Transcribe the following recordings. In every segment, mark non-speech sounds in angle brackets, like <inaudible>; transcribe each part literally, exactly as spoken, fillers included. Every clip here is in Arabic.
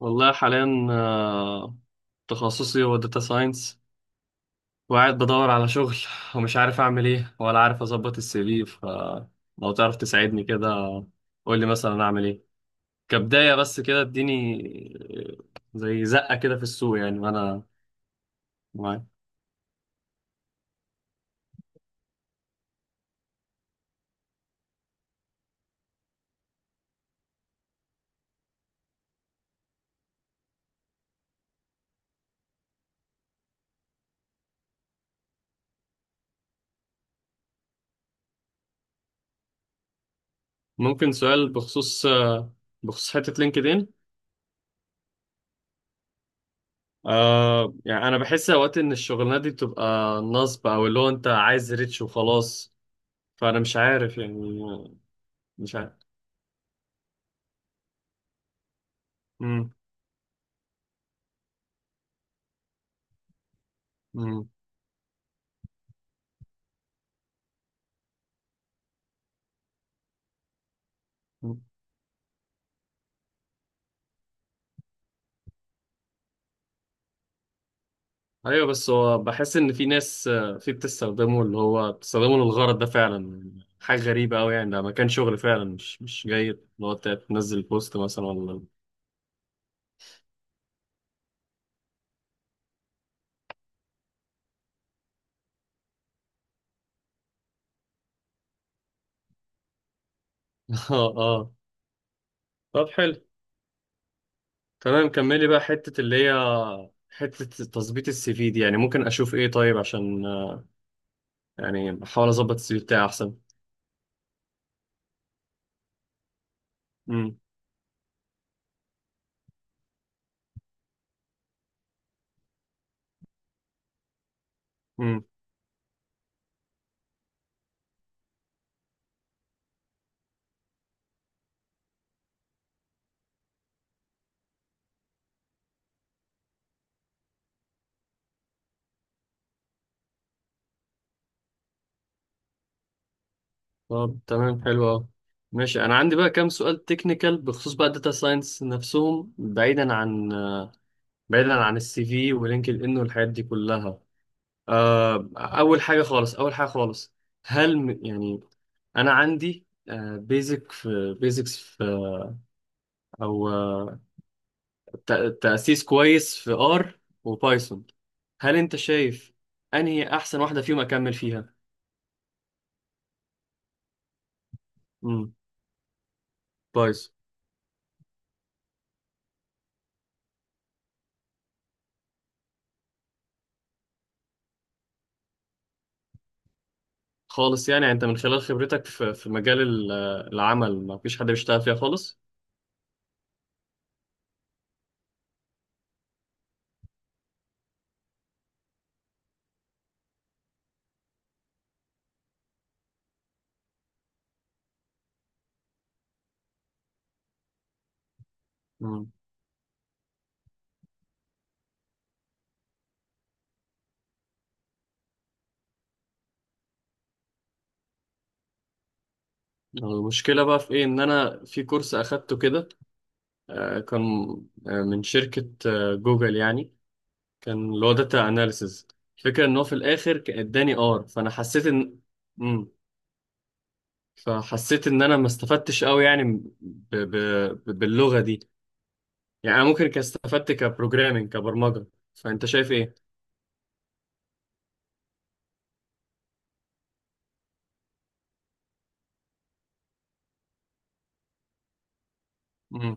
والله حاليا آه، تخصصي هو داتا ساينس، وقاعد بدور على شغل ومش عارف اعمل ايه، ولا عارف اظبط السي في. فلو تعرف تساعدني كده، قول لي مثلا اعمل ايه كبداية، بس كده اديني آه، زي زقة كده في السوق يعني، وانا معاك. ممكن سؤال بخصوص آه، بخصوص حتة لينكدين؟ آه يعني انا بحس اوقات ان الشغلانات دي بتبقى نصب، او اللي هو انت عايز ريتش وخلاص، فانا مش عارف يعني آه، مش عارف. مم. مم. مم. ايوه، بس هو بحس ان في ناس آه، في بتستخدمه، اللي هو بتستخدمه للغرض ده فعلا. حاجه غريبه قوي، يعني ده مكان شغل فعلا، مش مش جاي اللي هو تنزل بوست مثلا ولا. <laughs> اه اه. طب حلو، تمام، كملي بقى حته اللي هي حته تظبيط السي في دي، يعني ممكن اشوف ايه طيب عشان آه، يعني احاول اظبط السي في بتاعي احسن. امم. امم. طب تمام، حلو قوي، ماشي. انا عندي بقى كام سؤال تكنيكال بخصوص بقى الداتا ساينس نفسهم، بعيدا عن بعيدا عن السي في ولينكد ان والحاجات دي كلها. آه، اول حاجه خالص اول حاجه خالص، هل م- يعني انا عندي بيزك في بيزكس في، او آه، ت- تاسيس كويس في ار وبايثون. هل انت شايف انهي احسن واحده فيهم اكمل فيها؟ امم. بايثون. خالص يعني يعني انت من خلال خبرتك في في مجال ال- العمل ما فيش حد بيشتغل فيها خالص. امم. المشكله بقى في ايه، ان انا في كورس اخدته كده، آه، كان آه، من شركة آه، جوجل يعني، كان اللي هو داتا اناليسز. الفكرة ان هو في الاخر ك- اداني ار، فانا حسيت ان مم. فحسيت ان انا ما استفدتش قوي يعني ب... ب... ب- باللغة دي. يعني انا ممكن كان استفدت كبروجرامينج، كبرمجة. فانت شايف ايه؟ مم.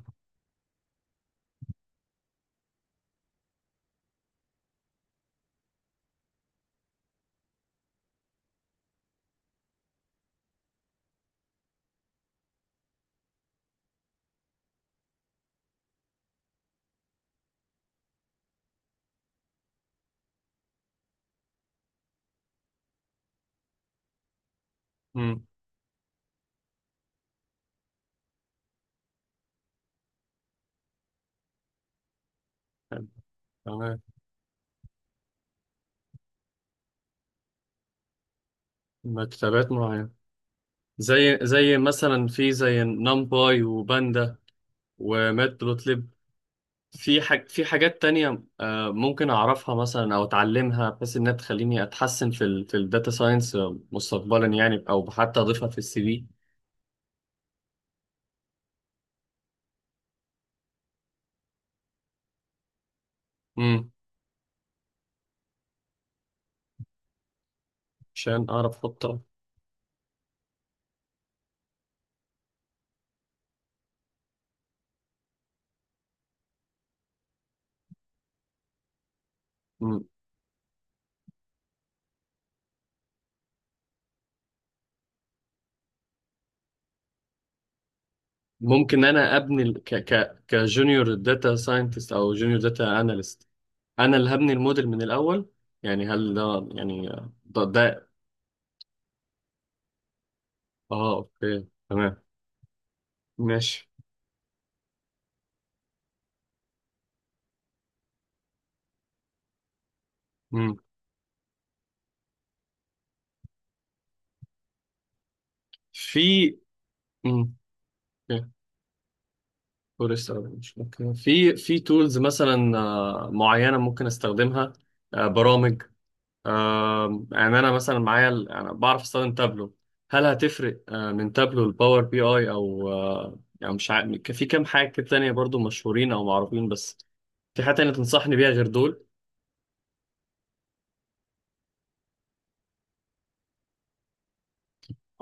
مم. تمام. مكتبات معينة، زي زي مثلا في زي نمباي، وباندا، وماتبلوتليب. في حاج في حاجات تانية آه، ممكن أعرفها مثلا أو أتعلمها، بحيث إنها تخليني أتحسن في ال في الداتا ساينس مستقبلا يعني، أو حتى أضيفها في السي في. امم. عشان أعرف أحطها. مم. ممكن أنا أبني ال- ك ك كجونيور داتا ساينتست، أو جونيور داتا أناليست؟ أنا اللي هبني الموديل من الأول؟ يعني هل ده يعني آه، ده ده آه، أوكي، تمام، ماشي. مم. في. مم. فورست مش ممكن في في تولز مثلا آه، معينه ممكن استخدمها، آه، برامج، آه، يعني انا مثلا معايا ال- انا بعرف استخدم تابلو. هل هتفرق آه، من تابلو لباور بي اي، او آه، يعني مش عارف، في كام حاجه كده تانية برضو مشهورين او معروفين، بس في حاجه تانية تنصحني بيها غير دول؟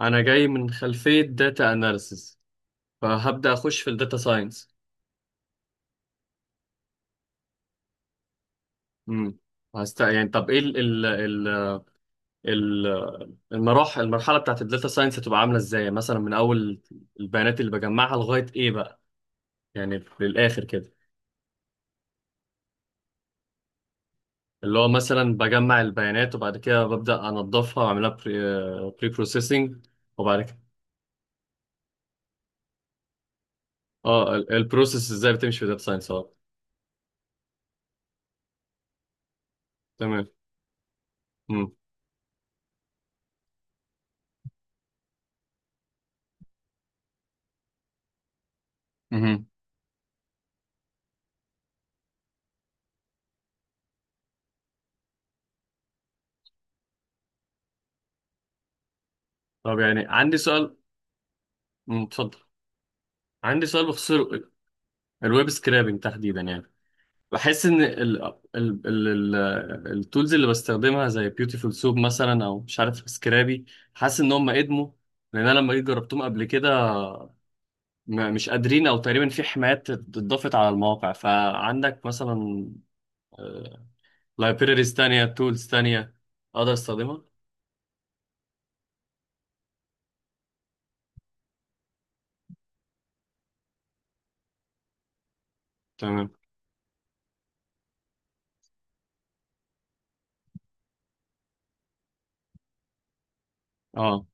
انا جاي من خلفيه داتا اناليسيس، فهبدا اخش في الداتا ساينس. امم. هست يعني، طب ايه ال- المراحل المرحله بتاعت الداتا ساينس، هتبقى عامله ازاي مثلا، من اول البيانات اللي بجمعها لغايه ايه بقى، يعني للاخر كده؟ اللي هو مثلا بجمع البيانات وبعد كده ببدا انضفها واعملها بري بروسيسنج. وبعد كده اه، ال- البروسيس ازاي بتمشي في الداتا ساينس، اه. تمام. مم. مهم. طب يعني عندي سؤال. مم، اتفضل. عندي سؤال بخصوص ال- الويب سكرابنج تحديدا يعني. بحس ان ال ال ال ال التولز اللي بستخدمها زي بيوتيفول سوب مثلا، او مش عارف سكرابي، حاسس ان هم ادموا، لان انا لما جيت جربتهم قبل كده م- مش قادرين، او تقريبا في حمايات اتضافت على المواقع. فعندك مثلا لايبريريز تانية، تولز تانية اقدر استخدمها؟ تمام. اه.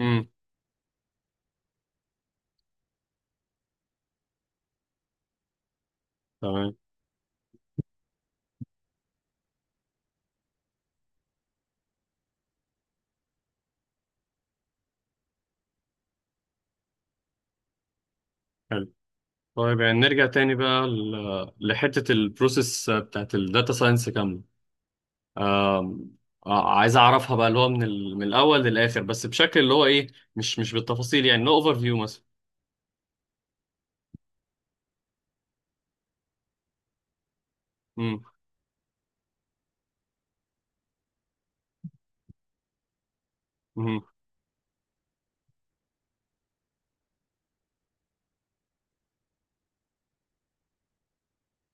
امم. تمام. حلو. طيب يعني نرجع تاني بقى ل- لحتة البروسيس بتاعت الداتا ساينس كاملة، آم، آه، عايز اعرفها بقى، اللي هو من ال... من الاول للاخر، بس بشكل اللي هو ايه، مش مش بالتفاصيل يعني، نو اوفر فيو مثلا. امم. امم.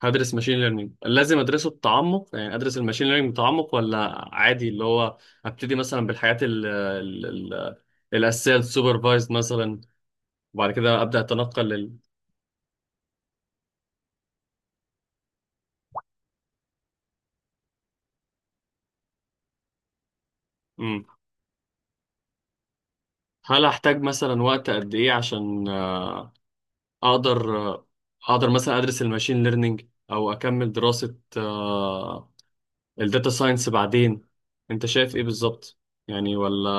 هدرس ماشين ليرنينج؟ لازم ادرسه بتعمق يعني، ادرس الماشين ليرنينج بتعمق، ولا عادي اللي هو ابتدي مثلا بالحاجات ال... ال... ال... الاساسيه، السوبرفايزد مثلا، وبعد كده ابدا اتنقل لل. امم. هل احتاج مثلا وقت قد ايه عشان آه، اقدر آه، اقدر مثلا ادرس الماشين ليرنينج، او اكمل دراسه آه، الداتا ساينس بعدين؟ انت شايف ايه بالظبط يعني؟ ولا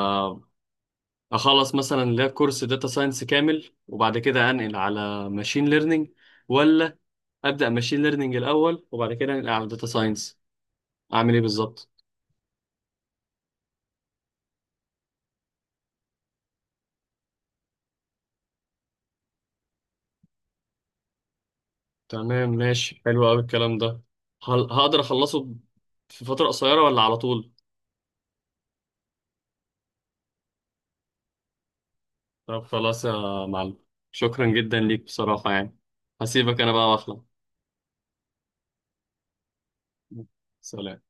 اخلص مثلا لا كورس داتا ساينس كامل وبعد كده انقل على ماشين ليرنينج، ولا ابدا ماشين ليرنينج الاول وبعد كده انقل على داتا ساينس، اعمل ايه بالظبط؟ تمام، ماشي، حلو قوي الكلام ده. هل هقدر اخلصه في فترة قصيرة، ولا على طول؟ طب خلاص يا معلم، شكرا جدا ليك بصراحة يعني. هسيبك انا بقى واخلع. سلام.